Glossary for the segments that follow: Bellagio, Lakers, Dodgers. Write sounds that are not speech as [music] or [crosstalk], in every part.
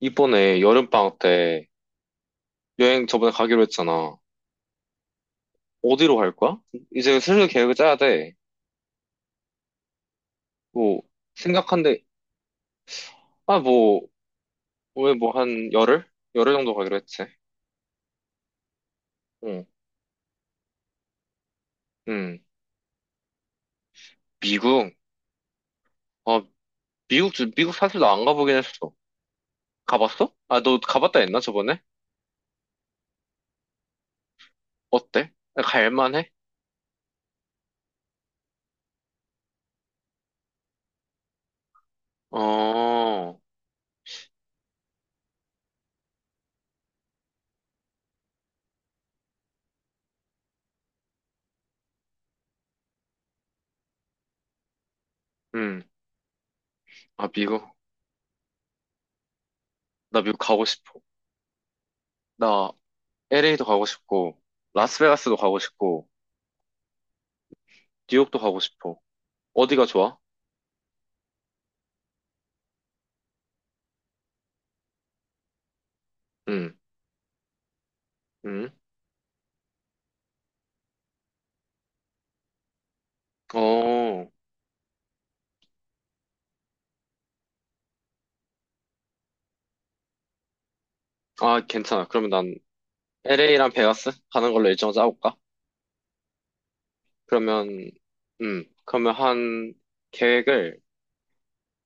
이번에 여름방학 때 여행 저번에 가기로 했잖아. 어디로 갈 거야? 이제 슬슬 계획을 짜야 돼. 뭐, 생각한데, 아, 뭐, 왜 뭐 한 열흘? 열흘 정도 가기로 했지. 응, 응. 미국? 아, 미국, 미국 사실 나 안 가보긴 했어. 가봤어? 아, 너 가봤다 했나, 저번에? 어때? 갈만해? 어, 응. 아, 미국. 나 미국 가고 싶어. 나 LA도 가고 싶고, 라스베가스도 가고 싶고, 뉴욕도 가고 싶어. 어디가 좋아? 응. 응. 어, 아, 괜찮아. 그러면 난 LA랑 베가스 가는 걸로 일정 짜볼까? 그러면, 그러면 한 계획을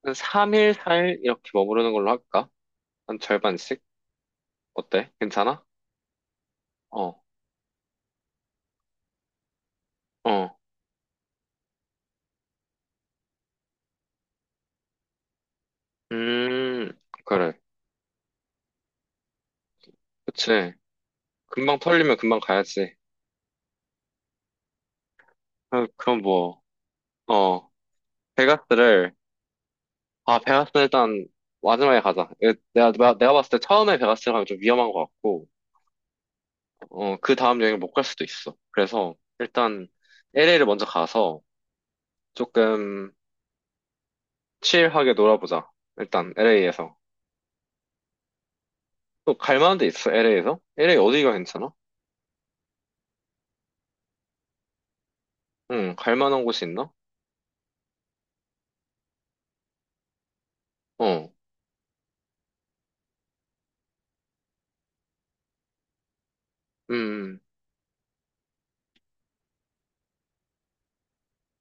한 3일, 4일 이렇게 머무르는 걸로 할까? 한 절반씩? 어때? 괜찮아? 어, 어, 음, 그래. 그치. 금방 털리면 금방 가야지. 아, 그럼 뭐, 어, 베가스를, 아, 베가스 일단 마지막에 가자. 내가 봤을 때 처음에 베가스 가면 좀 위험한 것 같고, 어, 그 다음 여행을 못 갈 수도 있어. 그래서 일단 LA를 먼저 가서 조금 칠하게 놀아보자. 일단 LA에서. 또 갈 만한 데 있어, LA에서? LA 어디가 괜찮아? 응, 갈 만한 곳이 있나? 어, 음,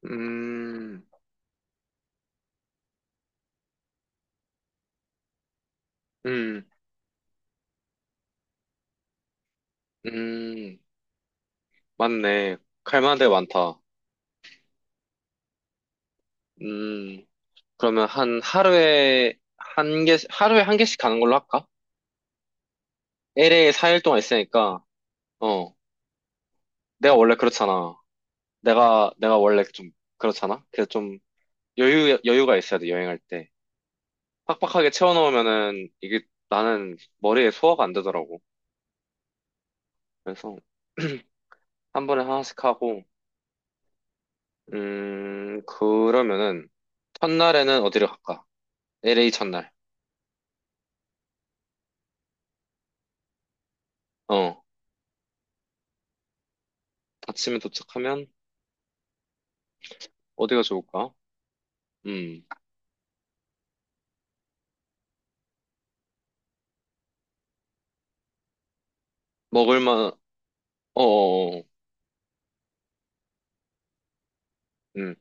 음, 음, 음, 맞네. 갈 만한 데 많다. 음, 그러면 한 하루에 한 개, 하루에 한 개씩 가는 걸로 할까? LA에 4일 동안 있으니까, 어, 내가 원래 그렇잖아. 내가 원래 좀 그렇잖아? 그래서 좀 여유가 있어야 돼, 여행할 때. 빡빡하게 채워놓으면은 이게 나는 머리에 소화가 안 되더라고. 그래서 [clears throat] 한 번에 하나씩 하고, 그러면은 첫날에는 어디를 갈까? LA 첫날. 어, 아침에 도착하면 어디가 좋을까? 음, 먹을만, 어어어, 음,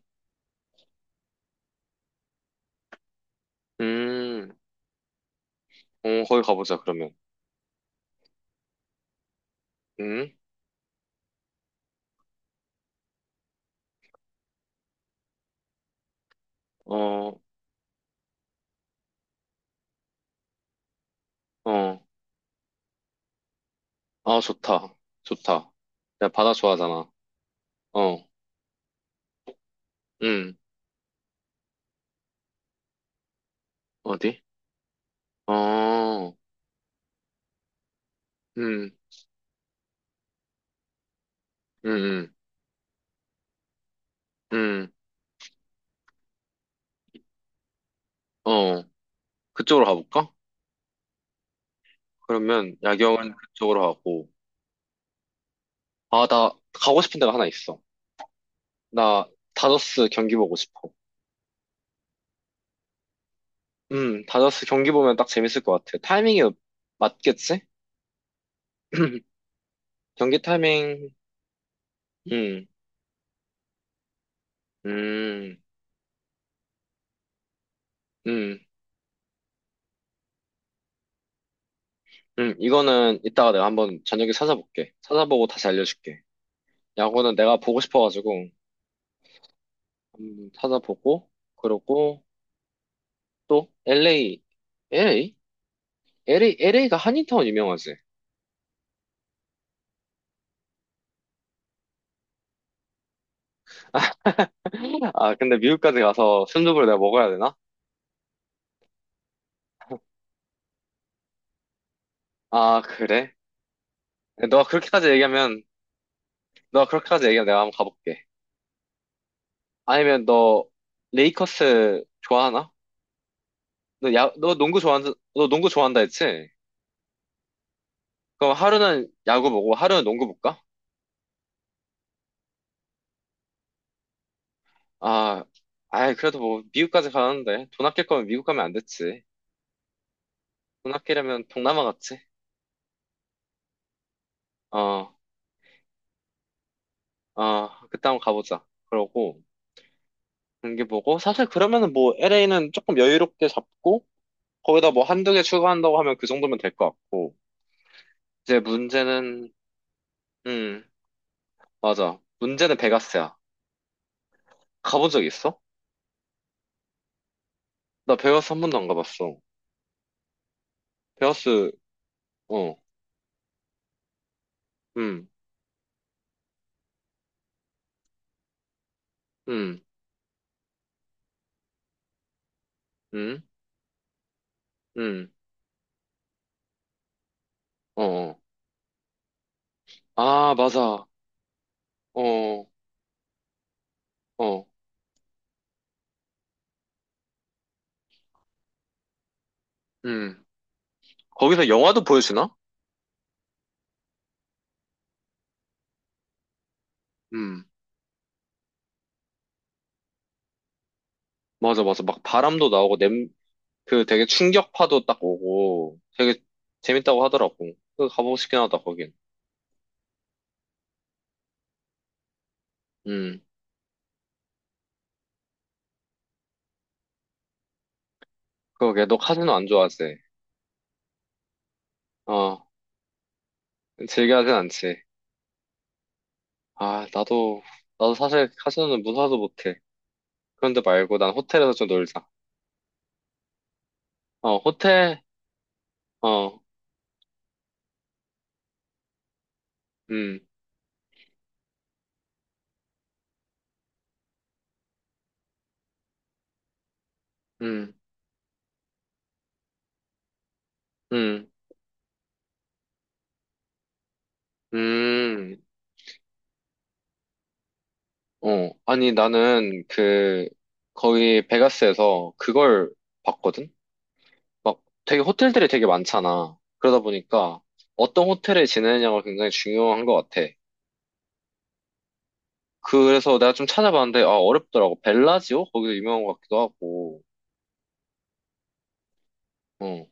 음, 어, 거기 가보자, 그러면. 음, 어, 어, 아, 좋다. 좋다. 내가 바다 좋아하잖아. 어, 음, 어디? 어, 음, 음, 음, 음, 어, 그쪽으로 가볼까? 그러면 야경은 그쪽으로 가고. 아, 나 가고 싶은 데가 하나 있어. 나 다저스 경기 보고 싶어. 다저스 경기 보면 딱 재밌을 것 같아. 타이밍이 맞겠지? [clears throat] 경기 타이밍, 음, 음, 음, 이거는 이따가 내가 한번 저녁에 찾아볼게. 찾아보고 다시 알려줄게. 야구는 내가 보고 싶어가지고, 한번 찾아보고, 그러고, 또 LA, LA? LA, LA가 한인타운 유명하지? 아, 근데 미국까지 가서 순두부를 내가 먹어야 되나? 아, 그래? 너가 그렇게까지 얘기하면, 너가 그렇게까지 얘기하면 내가 한번 가볼게. 아니면 너 레이커스 좋아하나? 너 야, 너 농구 좋아한다 했지? 그럼 하루는 야구 보고 하루는 농구 볼까? 아, 아이, 그래도 뭐 미국까지 가는데 돈 아낄 거면 미국 가면 안 됐지. 돈 아끼려면 동남아 갔지? 어, 어, 그때 한번 가보자. 그러고. 경기 보고 사실 그러면은 뭐 LA는 조금 여유롭게 잡고 거기다 뭐 한두 개 추가한다고 하면 그 정도면 될 것 같고 이제 문제는 음 맞아 문제는 베가스야. 가본 적 있어? 나 베가스 한 번도 안 가봤어. 베가스 어음음음음어아 맞아 어어음 거기서 영화도 보여주나? 음 맞아 맞아 막 바람도 나오고 냄 그 되게 충격파도 딱 오고 되게 재밌다고 하더라고. 그 가보고 싶긴 하다 거긴. 음, 그러게, 너 카지노 안 좋아하지? 어, 즐겨하진 않지. 아, 나도, 사실 카지노는 무사도 못해. 그런데 말고 난 호텔에서 좀 놀자. 어, 호텔, 어, 음, 음, 음, 음, 어. 아니, 나는 그, 거기 베가스에서 그걸 봤거든? 막 되게 호텔들이 되게 많잖아. 그러다 보니까 어떤 호텔에 지내느냐가 굉장히 중요한 것 같아. 그래서 내가 좀 찾아봤는데, 아, 어렵더라고. 벨라지오? 거기도 유명한 것 같기도 하고. 어,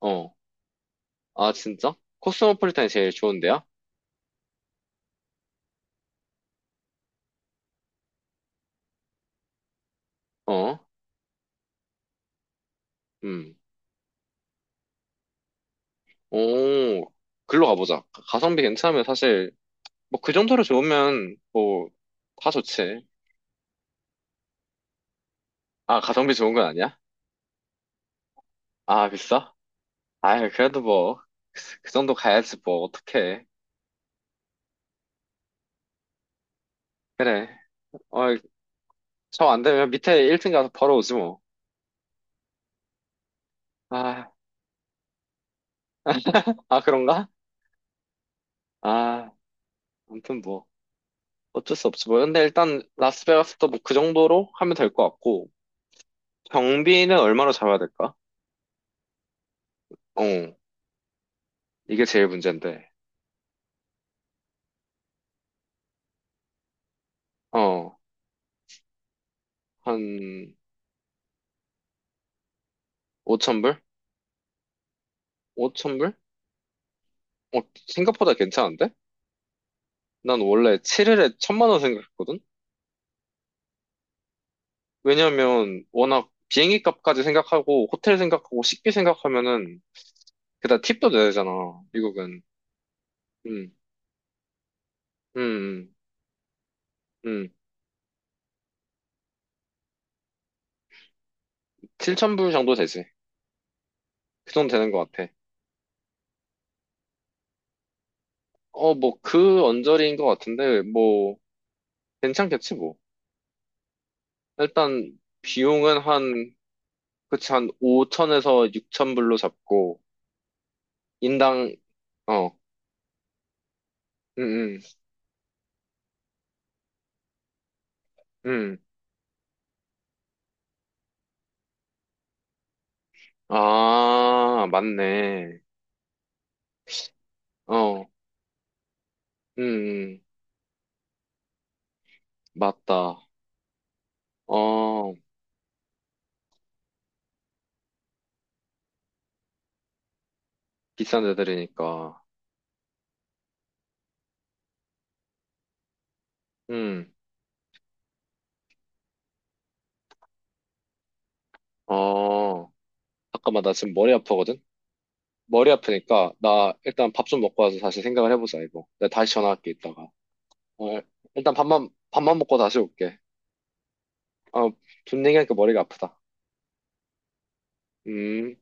어. 아, 진짜? 코스모폴리탄이 제일 좋은데요? 어, 음. 오, 글로 가보자. 가성비 괜찮으면 사실, 뭐, 그 정도로 좋으면, 뭐, 다 좋지. 아, 가성비 좋은 건 아니야? 아, 비싸? 아, 그래도 뭐, 그 정도 가야지, 뭐, 어떡해. 그래. 어, 저 안 되면 밑에 1층 가서 벌어오지, 뭐. 아, 아, 그런가? 아, 아무튼 뭐, 어쩔 수 없지, 뭐. 근데 일단, 라스베가스도 뭐, 그 정도로 하면 될 것 같고, 경비는 얼마로 잡아야 될까? 어, 이게 제일 문제인데. 어, 한 5천불? 5천불? 어, 생각보다 괜찮은데? 난 원래 7일에 1,000만 원 생각했거든? 왜냐면 워낙 비행기 값까지 생각하고 호텔 생각하고 식비 생각하면은 게다가 팁도 내야 되잖아, 미국은. 음, 음, 음. 7천 불 정도 되지. 그 정도 되는 것 같아. 어, 뭐 그 언저리인 것 같은데 뭐 괜찮겠지 뭐. 일단 비용은 한 그치 한 5천에서 6천불로 잡고 인당, 어, 음, 음, 음. 아, 맞네. 어, 음. 맞다. 어, 비싼 데들이니까. 음, 어. 잠깐만, 나 지금 머리 아프거든? 머리 아프니까, 나 일단 밥 좀 먹고 와서 다시 생각을 해보자, 이거. 내가 다시 전화할게, 이따가. 어, 일단 밥만, 먹고 다시 올게. 어, 돈 얘기하니까 머리가 아프다. 음.